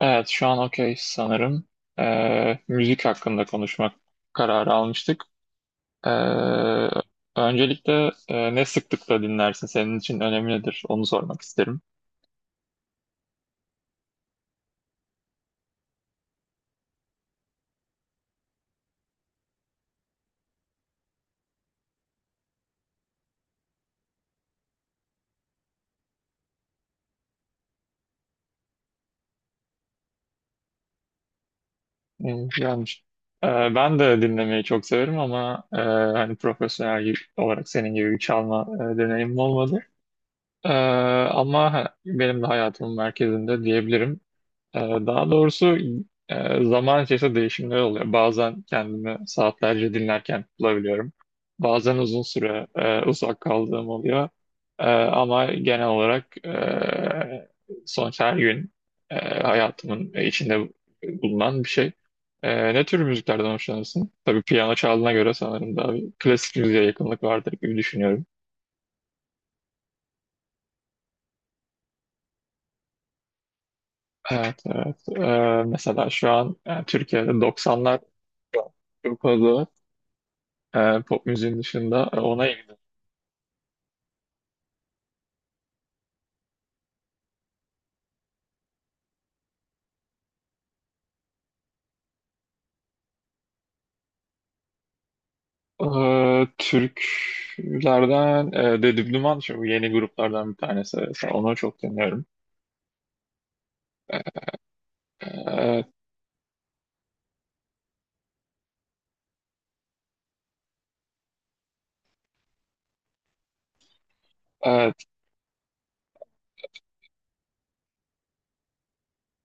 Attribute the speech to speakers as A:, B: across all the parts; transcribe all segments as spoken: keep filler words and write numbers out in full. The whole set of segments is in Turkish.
A: Evet, şu an okey sanırım. Ee, müzik hakkında konuşmak kararı almıştık. Ee, Öncelikle e, ne sıklıkla dinlersin? Senin için önemi nedir? Onu sormak isterim. Hmm, Yani, e, ben de dinlemeyi çok severim ama e, hani profesyonel gibi- olarak senin gibi bir çalma e, deneyimim olmadı. E, Ama ha- benim de hayatımın merkezinde diyebilirim. Ee, Daha doğrusu, e, zaman içerisinde değişimler oluyor. Bazen kendimi saatlerce dinlerken bulabiliyorum. Bazen uzun süre e, uzak kaldığım oluyor. E, ama genel olarak, e, sonuç her gün e, hayatımın içinde bulunan bir şey. E, ne tür müziklerden hoşlanırsın? Tabii piyano çaldığına göre sanırım daha bir klasik müziğe yakınlık vardır gibi düşünüyorum. Evet, evet. E, mesela şu an e, Türkiye'de doksanlar çok fazla. E, pop müziğin dışında, e, ona ilgili. E, Türklerden, e, Dedip Duman şu bu yeni gruplardan bir tanesi. Mesela onu çok dinliyorum. E, evet.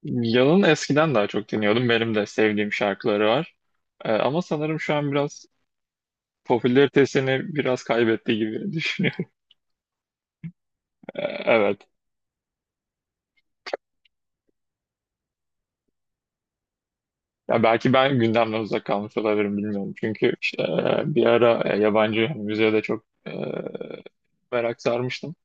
A: Yalın eskiden daha çok dinliyordum. Benim de sevdiğim şarkıları var. E, ama sanırım şu an biraz popülaritesini biraz kaybettiği gibi düşünüyorum. E, evet. Ya belki ben gündemden uzak kalmış olabilirim, bilmiyorum. Çünkü işte, e, bir ara e, yabancı müziğe de çok e, merak sarmıştım.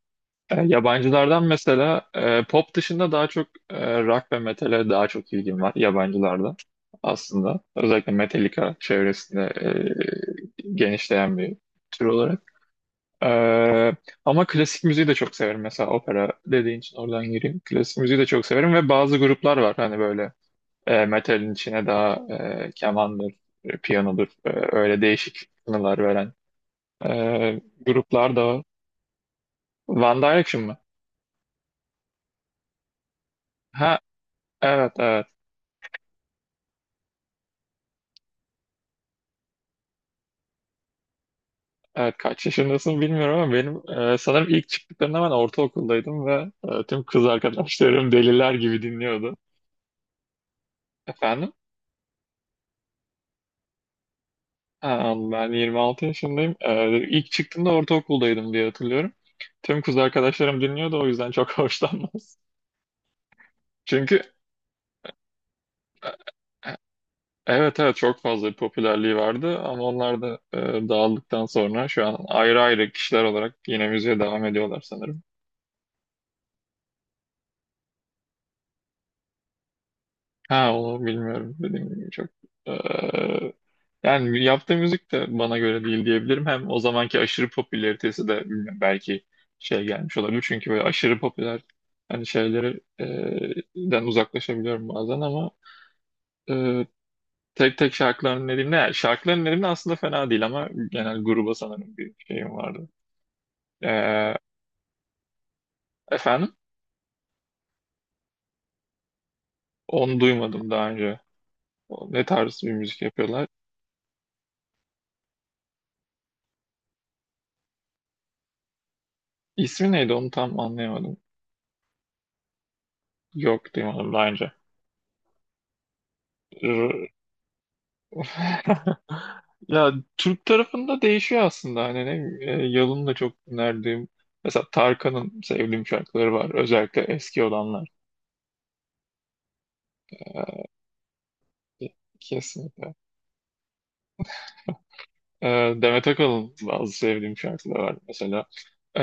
A: E, Yabancılardan mesela, e, pop dışında daha çok e, rock ve metale daha çok ilgim var yabancılardan aslında. Özellikle Metallica çevresinde e, genişleyen bir tür olarak. E, Ama klasik müziği de çok severim. Mesela opera dediğin için oradan gireyim. Klasik müziği de çok severim ve bazı gruplar var hani böyle e, metalin içine daha e, kemandır, e, piyanodur, e, öyle değişik tınılar veren e, gruplar da var. One Direction mı? Ha, evet, evet. Evet, kaç yaşındasın bilmiyorum ama benim e, sanırım ilk çıktıklarında ben ortaokuldaydım ve e, tüm kız arkadaşlarım deliler gibi dinliyordu. Efendim? Ha, ben yirmi altı yaşındayım. E, ilk çıktığımda ortaokuldaydım diye hatırlıyorum. Tüm kız arkadaşlarım dinliyordu, o yüzden çok hoşlanmaz. Çünkü e, evet, evet, çok fazla bir popülerliği vardı ama onlar da e, dağıldıktan sonra şu an ayrı ayrı kişiler olarak yine müziğe devam ediyorlar sanırım. Ha, onu bilmiyorum. Dediğim gibi çok eee, yani yaptığı müzik de bana göre değil diyebilirim. Hem o zamanki aşırı popülaritesi de bilmiyorum, belki şey gelmiş olabilir. Çünkü böyle aşırı popüler hani şeyleri eee, den uzaklaşabiliyorum bazen ama eee, tek tek şarkılarını dinlediğimde yani şarkıların dinlediğimde aslında fena değil ama genel gruba sanırım bir şeyim vardı. Eee, efendim? Onu duymadım daha önce. O ne tarz bir müzik yapıyorlar? İsmi neydi, onu tam anlayamadım. Yok, duymadım daha önce. Ya Türk tarafında değişiyor aslında hani ne, e, Yalın'ın da çok dinlerdiğim, mesela Tarkan'ın sevdiğim şarkıları var, özellikle eski olanlar. E, Kesinlikle. E, Demet Akalın, bazı sevdiğim şarkıları var mesela. E,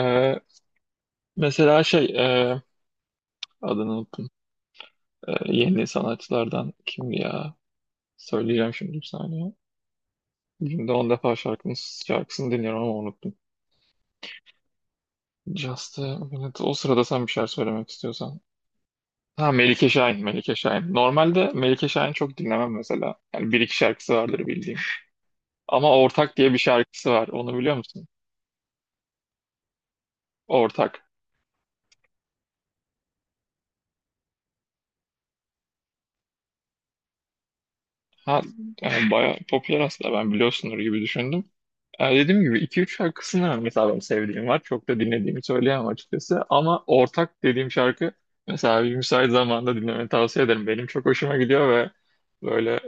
A: Mesela şey, e, adını unuttum. E, yeni sanatçılardan kimdi ya, söyleyeceğim şimdi, bir saniye. Günde on defa şarkının şarkısını dinliyorum ama unuttum. Just a minute. O sırada sen bir şeyler söylemek istiyorsan. Ha, Melike Şahin, Melike Şahin. Normalde Melike Şahin çok dinlemem mesela. Yani bir iki şarkısı vardır bildiğim. Ama Ortak diye bir şarkısı var. Onu biliyor musun? Ortak. Ha, yani bayağı popüler aslında, ben biliyorsundur gibi düşündüm. Yani dediğim gibi iki üç şarkısını mesela ben sevdiğim var. Çok da dinlediğimi söyleyemem açıkçası. Ama Ortak dediğim şarkı mesela, bir müsait zamanda dinlemeni tavsiye ederim. Benim çok hoşuma gidiyor ve böyle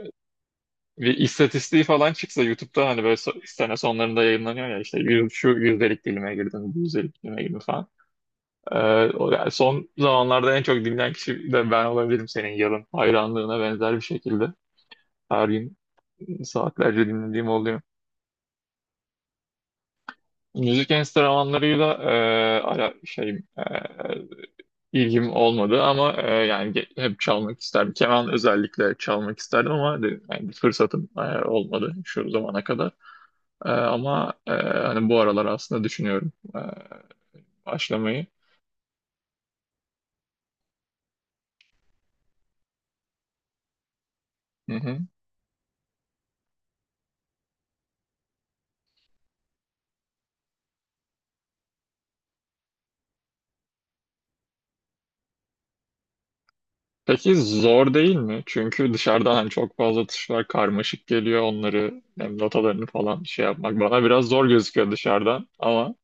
A: bir istatistiği falan çıksa YouTube'da hani böyle so- sene sonlarında yayınlanıyor ya işte, yüz- şu yüzdelik dilime girdim, bu yüzdelik dilime girdim falan. Ee, O yani son zamanlarda en çok dinlenen kişi de ben olabilirim, senin yarın hayranlığına benzer bir şekilde. Her gün saatlerce dinlediğim oluyor. Müzik enstrümanlarıyla e, ala şey, e, ilgim olmadı ama e, yani ge- hep çalmak isterdim. Keman özellikle çalmak isterdim ama de- yani fırsatım e, olmadı şu zamana kadar. Ee, ama e, hani bu aralar aslında düşünüyorum e, başlamayı. Hı hı. Peki zor değil mi? Çünkü dışarıdan hani çok fazla tuşlar karmaşık geliyor. Onları hem notalarını falan şey yapmak bana biraz zor gözüküyor dışarıdan. Ama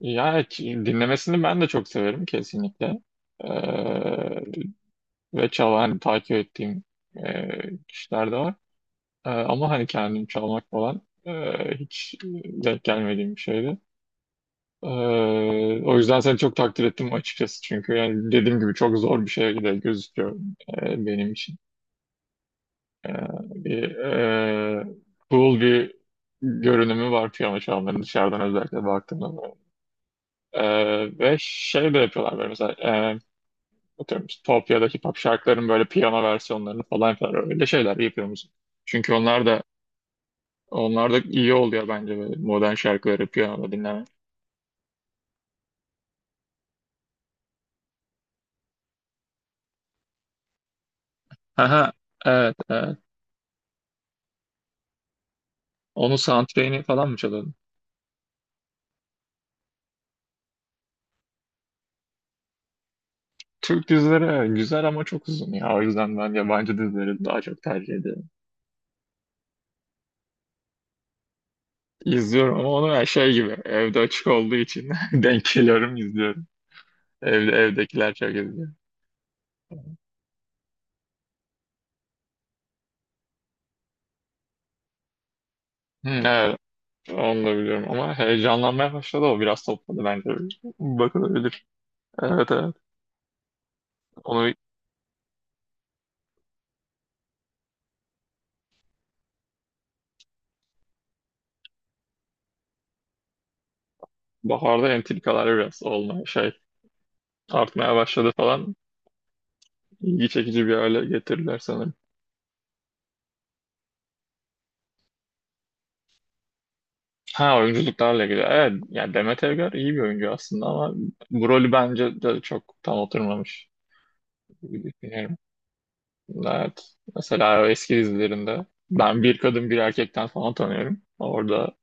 A: yani dinlemesini ben de çok severim kesinlikle. Ee, Ve çalan hani takip ettiğim e, kişiler de var. Ee, ama hani kendim çalmak falan e, hiç e, denk gelmediğim bir şeydi. Ee, O yüzden seni çok takdir ettim açıkçası. Çünkü yani dediğim gibi çok zor bir şey de gözüküyor e, benim için. Ee, Bir e, cool bir görünümü var piyano çalmanın, dışarıdan özellikle baktığımda. Ee, ve şey de yapıyorlar böyle mesela, e, atıyorum Topya'daki pop şarkıların böyle piyano versiyonlarını falan yapıyorlar. Öyle şeyler yapıyor musun? Çünkü onlar da onlar da iyi oluyor bence böyle modern şarkıları piyanoda dinlemek. Aha, evet, evet. Onun soundtrack'ini falan mı çalıyordun? Türk dizileri güzel ama çok uzun ya. O yüzden ben yabancı dizileri daha çok tercih ediyorum. İzliyorum ama onu her şey gibi. Evde açık olduğu için denk geliyorum, izliyorum. Evde, evdekiler çok izliyor. Hmm, evet, onu da biliyorum ama heyecanlanmaya başladı, o biraz topladı bence. Bakılabilir. Evet, evet. Onu baharda entrikalar biraz olmaya şey, artmaya başladı falan. İlgi çekici bir hale getirdiler sanırım. Ha, oyunculuklarla ilgili. Evet, yani Demet Evgar iyi bir oyuncu aslında ama bu rolü bence de çok tam oturmamış gibi düşünüyorum. Evet. Mesela o eski dizilerinde ben Bir Kadın Bir Erkek'ten falan tanıyorum. Orada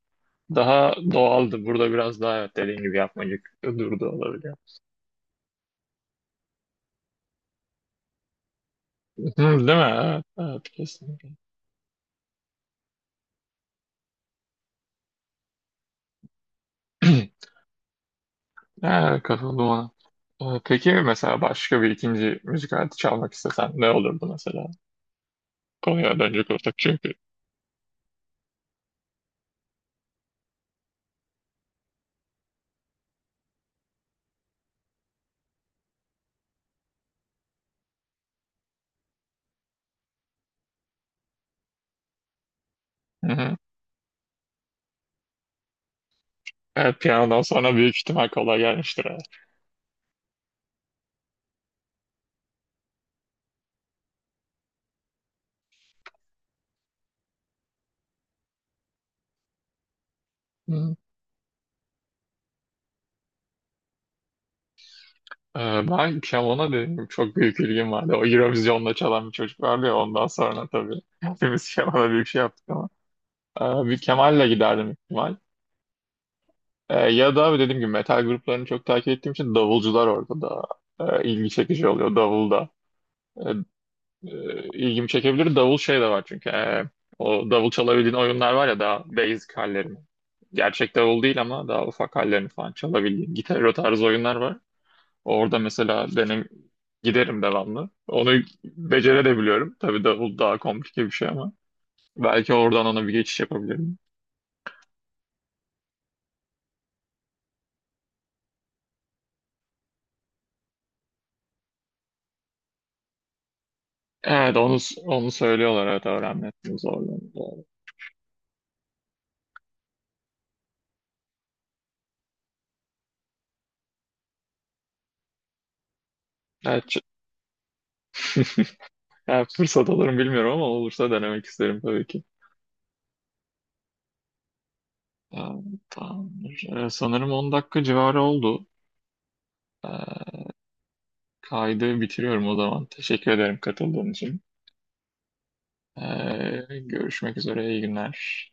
A: daha doğaldı. Burada biraz daha, evet, dediğin gibi yapmacık durdu, olabiliyor. Hı, değil mi? Evet, evet, kesinlikle. Evet, katıldım ona. Ee, Peki mesela başka bir ikinci müzik aleti çalmak istesen ne olurdu mesela? Konuya dönecek olursak çünkü. Evet, piyanodan sonra büyük ihtimal kolay gelmiştir. Evet. Hı. Ee, Ben piyanona dedim çok büyük ilgim vardı. O Eurovision'da çalan bir çocuk vardı ya, ondan sonra tabii. Hepimiz kemana büyük şey yaptık ama. Ee, bir Kemal'le giderdim büyük ihtimal. Ee, ya da dediğim gibi metal gruplarını çok takip ettiğim için davulcular orada da e, ilgi çekici oluyor, davulda. E, e, ilgimi çekebilir. Davul şey de var çünkü. E, o davul çalabildiğin oyunlar var ya, daha basic hallerini. Gerçek davul değil ama daha ufak hallerini falan çalabildiğin gitar o tarz oyunlar var. Orada mesela benim giderim devamlı. Onu becerebiliyorum. Tabii davul daha komplike bir şey ama. Belki oradan ona bir geçiş yapabilirim. Evet, onu onu söylüyorlar, evet, öğrenmesini zorlanıyor. Doğru. Evet, ç- yani fırsat alırım bilmiyorum ama olursa denemek isterim tabii ki. Ya, tamamdır. Ee, sanırım on dakika civarı oldu. Kaydı bitiriyorum o zaman. Teşekkür ederim katıldığın için. Ee, görüşmek üzere. İyi günler.